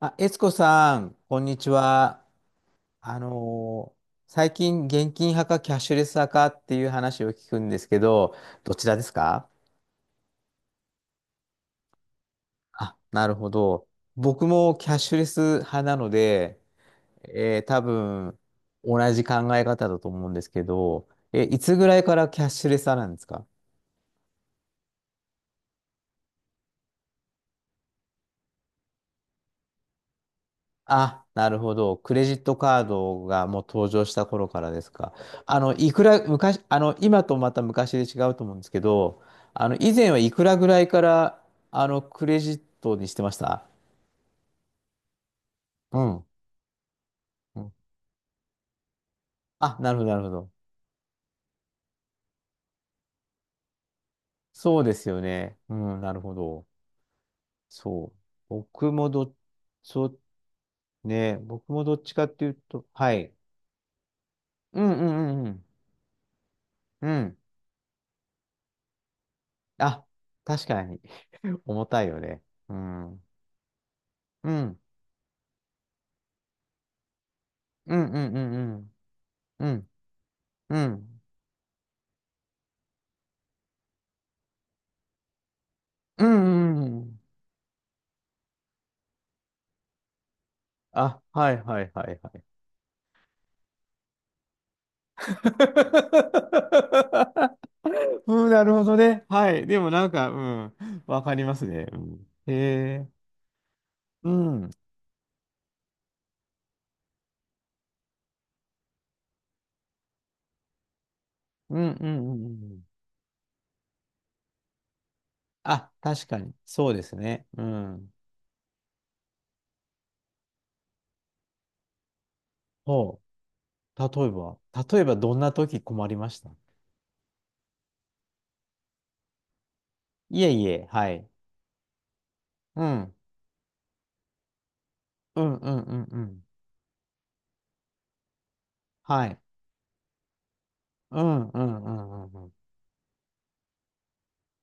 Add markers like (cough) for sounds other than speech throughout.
あ、悦子さん、こんにちは。あのー最近、現金派かキャッシュレス派かっていう話を聞くんですけど、どちらですか？あ、なるほど。僕もキャッシュレス派なので、多分、同じ考え方だと思うんですけど、いつぐらいからキャッシュレス派なんですか？あ、なるほど。クレジットカードがもう登場した頃からですか。いくら、昔、今とまた昔で違うと思うんですけど、以前はいくらぐらいから、クレジットにしてました？うん。うん。あ、なるほど、なるほど。そうですよね。うん、なるほど。そう。僕もど、そう、ね、僕もどっちかっていうと、はい。うん、うん、うん、うん。うん。あ、確かに。(laughs) 重たいよね。うん。うん。うん、うん、うん、うん。うん、うん、うん、うん、うん。あ、はいはいはいはい。(laughs) うん、なるほどね。はい。でもなんか、うん、わかりますね。うん、へえ、うん、うん、うん、うん。うん。あ、確かに、そうですね。うん。そう。例えばどんな時困りました？いえいえ、はい。うん、うん、うん、うん、うん。はい。うん、うん、うん、うん。うん。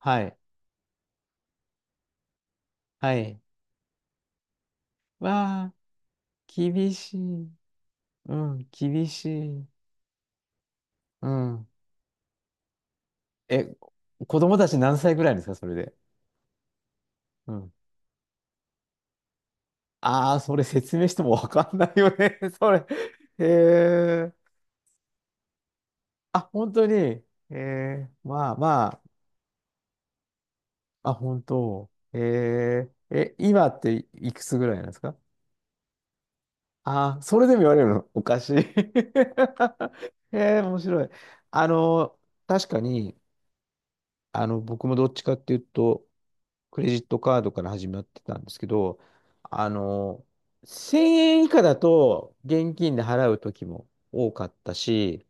はい。はい。わあ、厳しい。うん、厳しい。うん。え、子供たち何歳ぐらいですか、それで？うん。ああ、それ説明してもわかんないよね、(laughs) それ。へえ。あ、本当に。ええ、まあまあ、あ、本当。ええ、今っていくつぐらいなんですか？ああ、それでも言われるのおかしい。(laughs) ええ、面白い。あの、確かに、僕もどっちかっていうと、クレジットカードから始まってたんですけど、あの、1000円以下だと現金で払う時も多かったし、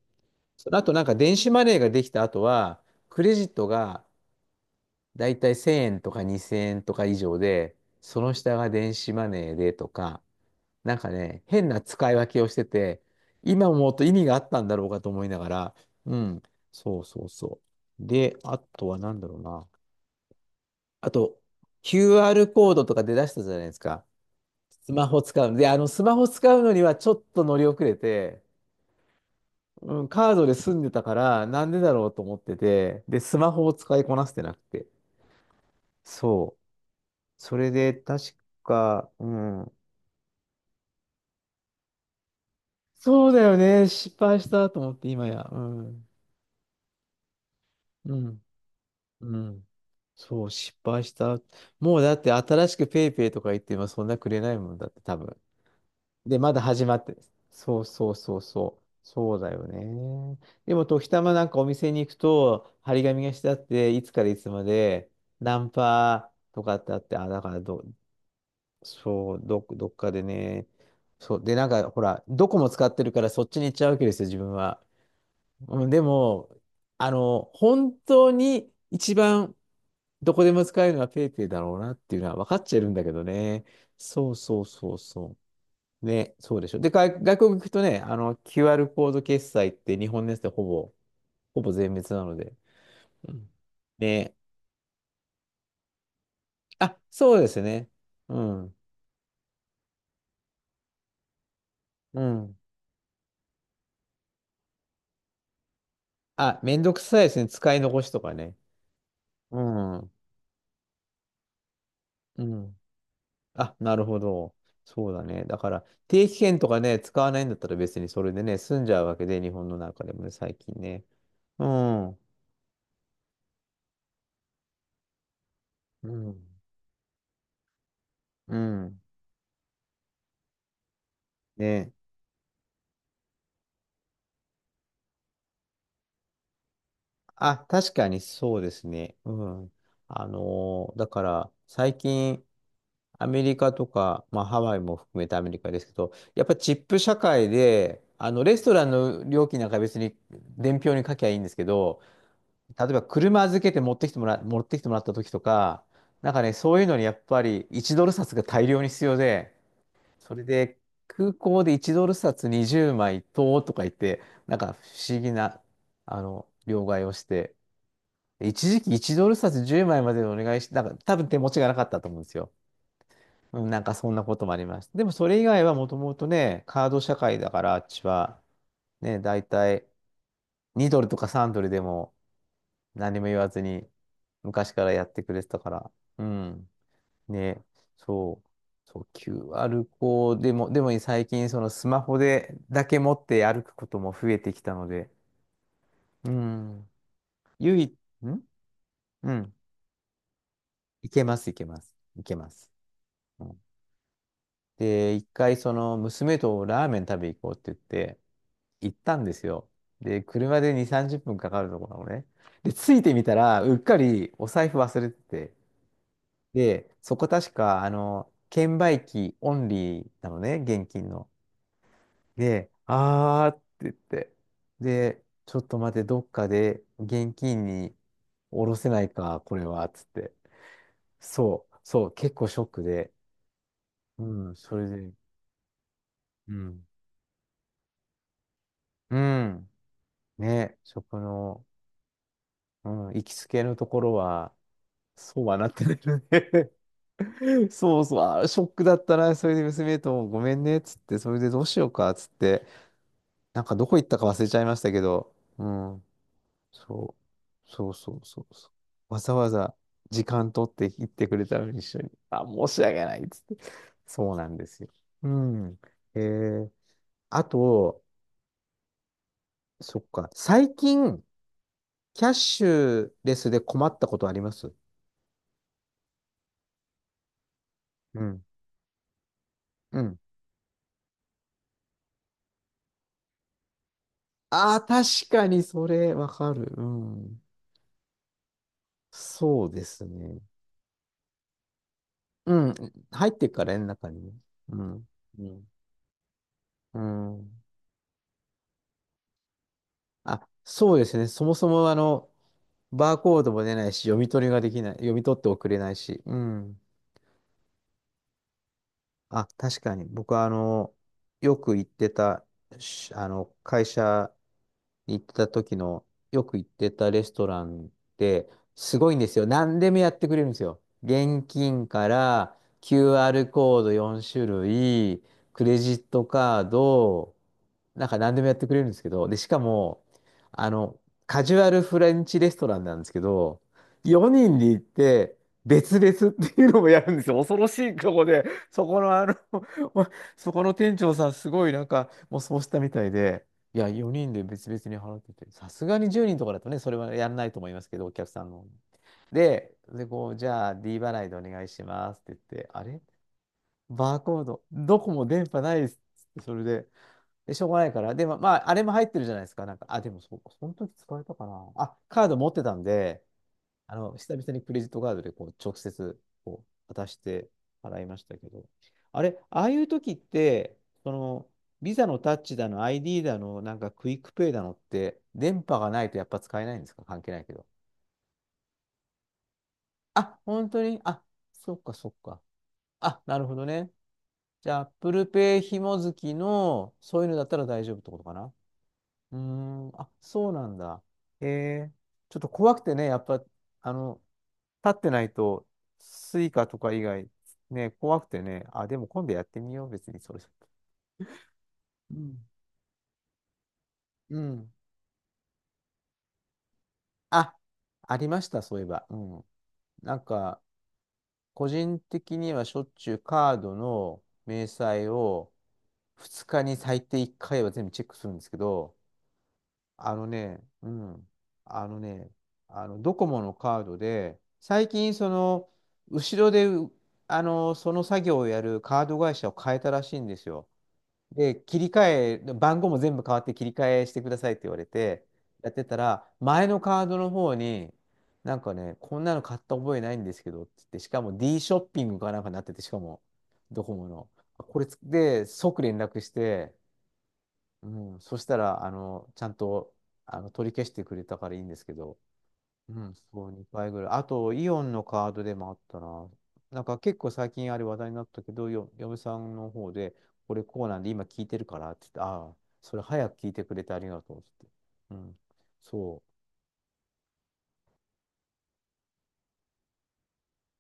その後なんか電子マネーができた後は、クレジットがだいたい1000円とか2000円とか以上で、その下が電子マネーでとか、なんかね、変な使い分けをしてて、今思うと意味があったんだろうかと思いながら、うん、そうそうそう。で、あとは何だろうな。あと、QR コードとか出だしたじゃないですか。スマホ使うの。で、スマホ使うのにはちょっと乗り遅れて、うん、カードで済んでたから、なんでだろうと思ってて、で、スマホを使いこなせてなくて。そう。それで、確か、うん。そうだよね。失敗したと思って、今や。うん。うん。うん。そう、失敗した。もうだって、新しくペイペイとか言って、今そんなくれないもんだって、多分。で、まだ始まって、そうそうそうそう、そうだよね。でも、時たまなんかお店に行くと、張り紙がしてあって、いつからいつまで、ナンパとかってあって、あ、だからど、そう、どっかでね、そう、で、なんか、ほら、どこも使ってるから、そっちに行っちゃうわけですよ、自分は。うん、でも、本当に一番どこでも使えるのはペイペイだろうなっていうのは分かっちゃいるんだけどね。そうそうそうそう。ね、そうでしょ。で、外国行くとね、QR コード決済って日本のやつでほぼ、ほぼ全滅なので。うん。ね。あ、そうですね。うん。うん。あ、めんどくさいですね。使い残しとかね。うん。うん。あ、なるほど。そうだね。だから、定期券とかね、使わないんだったら別にそれでね、済んじゃうわけで、日本の中でもね、最近ね。うん。うん。うん。ね。あ、確かにそうですね。うん。だから、最近、アメリカとか、まあ、ハワイも含めてアメリカですけど、やっぱチップ社会で、レストランの料金なんか別に伝票に書きゃいいんですけど、例えば車預けて持ってきてもらった時とか、なんかね、そういうのにやっぱり1ドル札が大量に必要で、それで空港で1ドル札20枚ととか言って、なんか不思議な、両替をして、一時期1ドル札10枚まいまでお願いして、なんか多分手持ちがなかったと思うんですよ。うん、なんかそんなこともありました。でもそれ以外はもともとね、カード社会だからあっちは、ね、だいたい2ドルとか3ドルでも何も言わずに昔からやってくれてたから。うん。ね、そう。そう、q ルコードでも、でも最近そのスマホでだけ持って歩くことも増えてきたので、うん。唯一、んうん。いけます、いけます。いけます。うん。で、一回その娘とラーメン食べ行こうって言って、行ったんですよ。で、車で2、30分かかるところなのね。で、着いてみたら、うっかりお財布忘れてて。で、そこ確か、券売機オンリーなのね、現金の。で、あーって言って。で、ちょっと待って、どっかで現金に下ろせないか、これは、つって。そう、そう、結構ショックで。うん、それで。うん。うん。ね、食の、うん、行きつけのところは、そうはなってないよね。 (laughs) そうそう、あー、ショックだったな、それで娘ともごめんね、っつって、それでどうしようか、っつって、なんかどこ行ったか忘れちゃいましたけど、うん、そう、そうそうそうそう。わざわざ時間取って行ってくれたのに一緒に、あ、申し訳ない、っつって。そうなんですよ。うん。えー、あと、そっか、最近、キャッシュレスで困ったことあります？うん。うん。ああ、確かにそれわかる。うん。そうですね。うん。入ってっからね、中にね。うん。うん。うん。あ、そうですね。そもそもバーコードも出ないし、読み取りができない、読み取って送れないし。うん。あ、確かに。僕はよく行ってた、し会社行ってた時の、よく行ってたレストランって、すごいんですよ。何でもやってくれるんですよ。現金から QR コード4種類、クレジットカード、なんか何でもやってくれるんですけど、で、しかも、あの、カジュアルフレンチレストランなんですけど、4人で行って、別々っていうのもやるんですよ。恐ろしいとこで、そこの(laughs) そこの店長さん、すごいなんか、もうそうしたみたいで、いや、4人で別々に払ってて、さすがに10人とかだとね、それはやんないと思いますけど、お客さんの。で、で、こう、じゃあ D 払いでお願いしますって言って、あれバーコード、どこも電波ないですって、それで、でしょうがないから、でも、まあ、あれも入ってるじゃないですか、なんか、あ、でもそう、その時使えたかな。あ、カード持ってたんで、久々にクレジットカードでこう直接こう渡して払いましたけど、あれ、ああいう時って、その、ビザのタッチだの、ID だの、なんかクイックペイだのって、電波がないとやっぱ使えないんですか関係ないけど。あ、本当にあ、そっかそっか。あ、なるほどね。じゃあ、Apple Pay 紐付きの、そういうのだったら大丈夫ってことかな。うーん、あ、そうなんだ。へえ。ちょっと怖くてね、やっぱ、あの、立ってないと、スイカとか以外、ね、怖くてね、あ、でも今度やってみよう、別にそれ。うん。うん。あ、ありました、そういえば。うん。なんか、個人的にはしょっちゅうカードの明細を2日に最低1回は全部チェックするんですけど、あのね、うん、あのね、あのドコモのカードで、最近、後ろでその作業をやるカード会社を変えたらしいんですよ。で、切り替え、番号も全部変わって切り替えしてくださいって言われて、やってたら、前のカードの方に、なんかね、こんなの買った覚えないんですけどって言って、しかも D ショッピングかなんかになってて、しかも、ドコモの。これつで、即連絡して、うん、そしたら、ちゃんと、取り消してくれたからいいんですけど、うん、そう、2回ぐらい。あと、イオンのカードでもあったな。なんか結構最近あれ話題になったけど、嫁さんの方で、これこうなんで今聞いてるからって言って、ああ、それ早く聞いてくれてありがとうって言って。うん、そ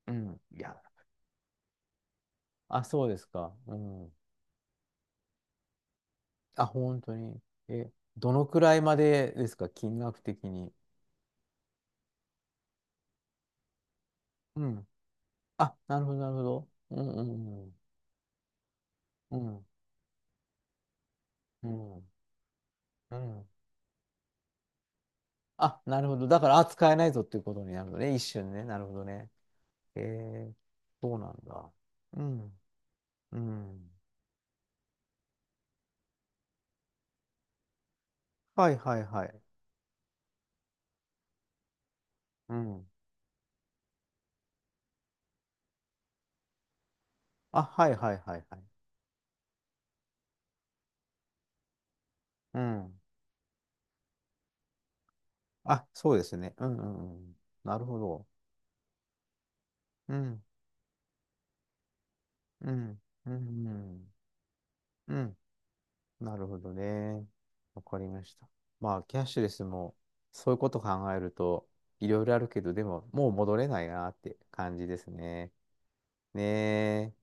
う。うん、いや、あ、そうですか。うん。あ、本当に。え、どのくらいまでですか、金額的に。うん。あ、なるほど、なるほど。うん、うん、うん。うん、うん。うん。あ、なるほど。だから、あ、使えないぞっていうことになるのね。一瞬ね。なるほどね。えー、そうなんだ。うん。うん。はいはいはい。うん。あ、はいはいはいはい。うん。あ、そうですね。うんうんうん。なるほど。うん。うん。うん。うん。なるほどね。わかりました。まあ、キャッシュレスも、そういうこと考えると、いろいろあるけど、でも、もう戻れないなって感じですね。ねえ。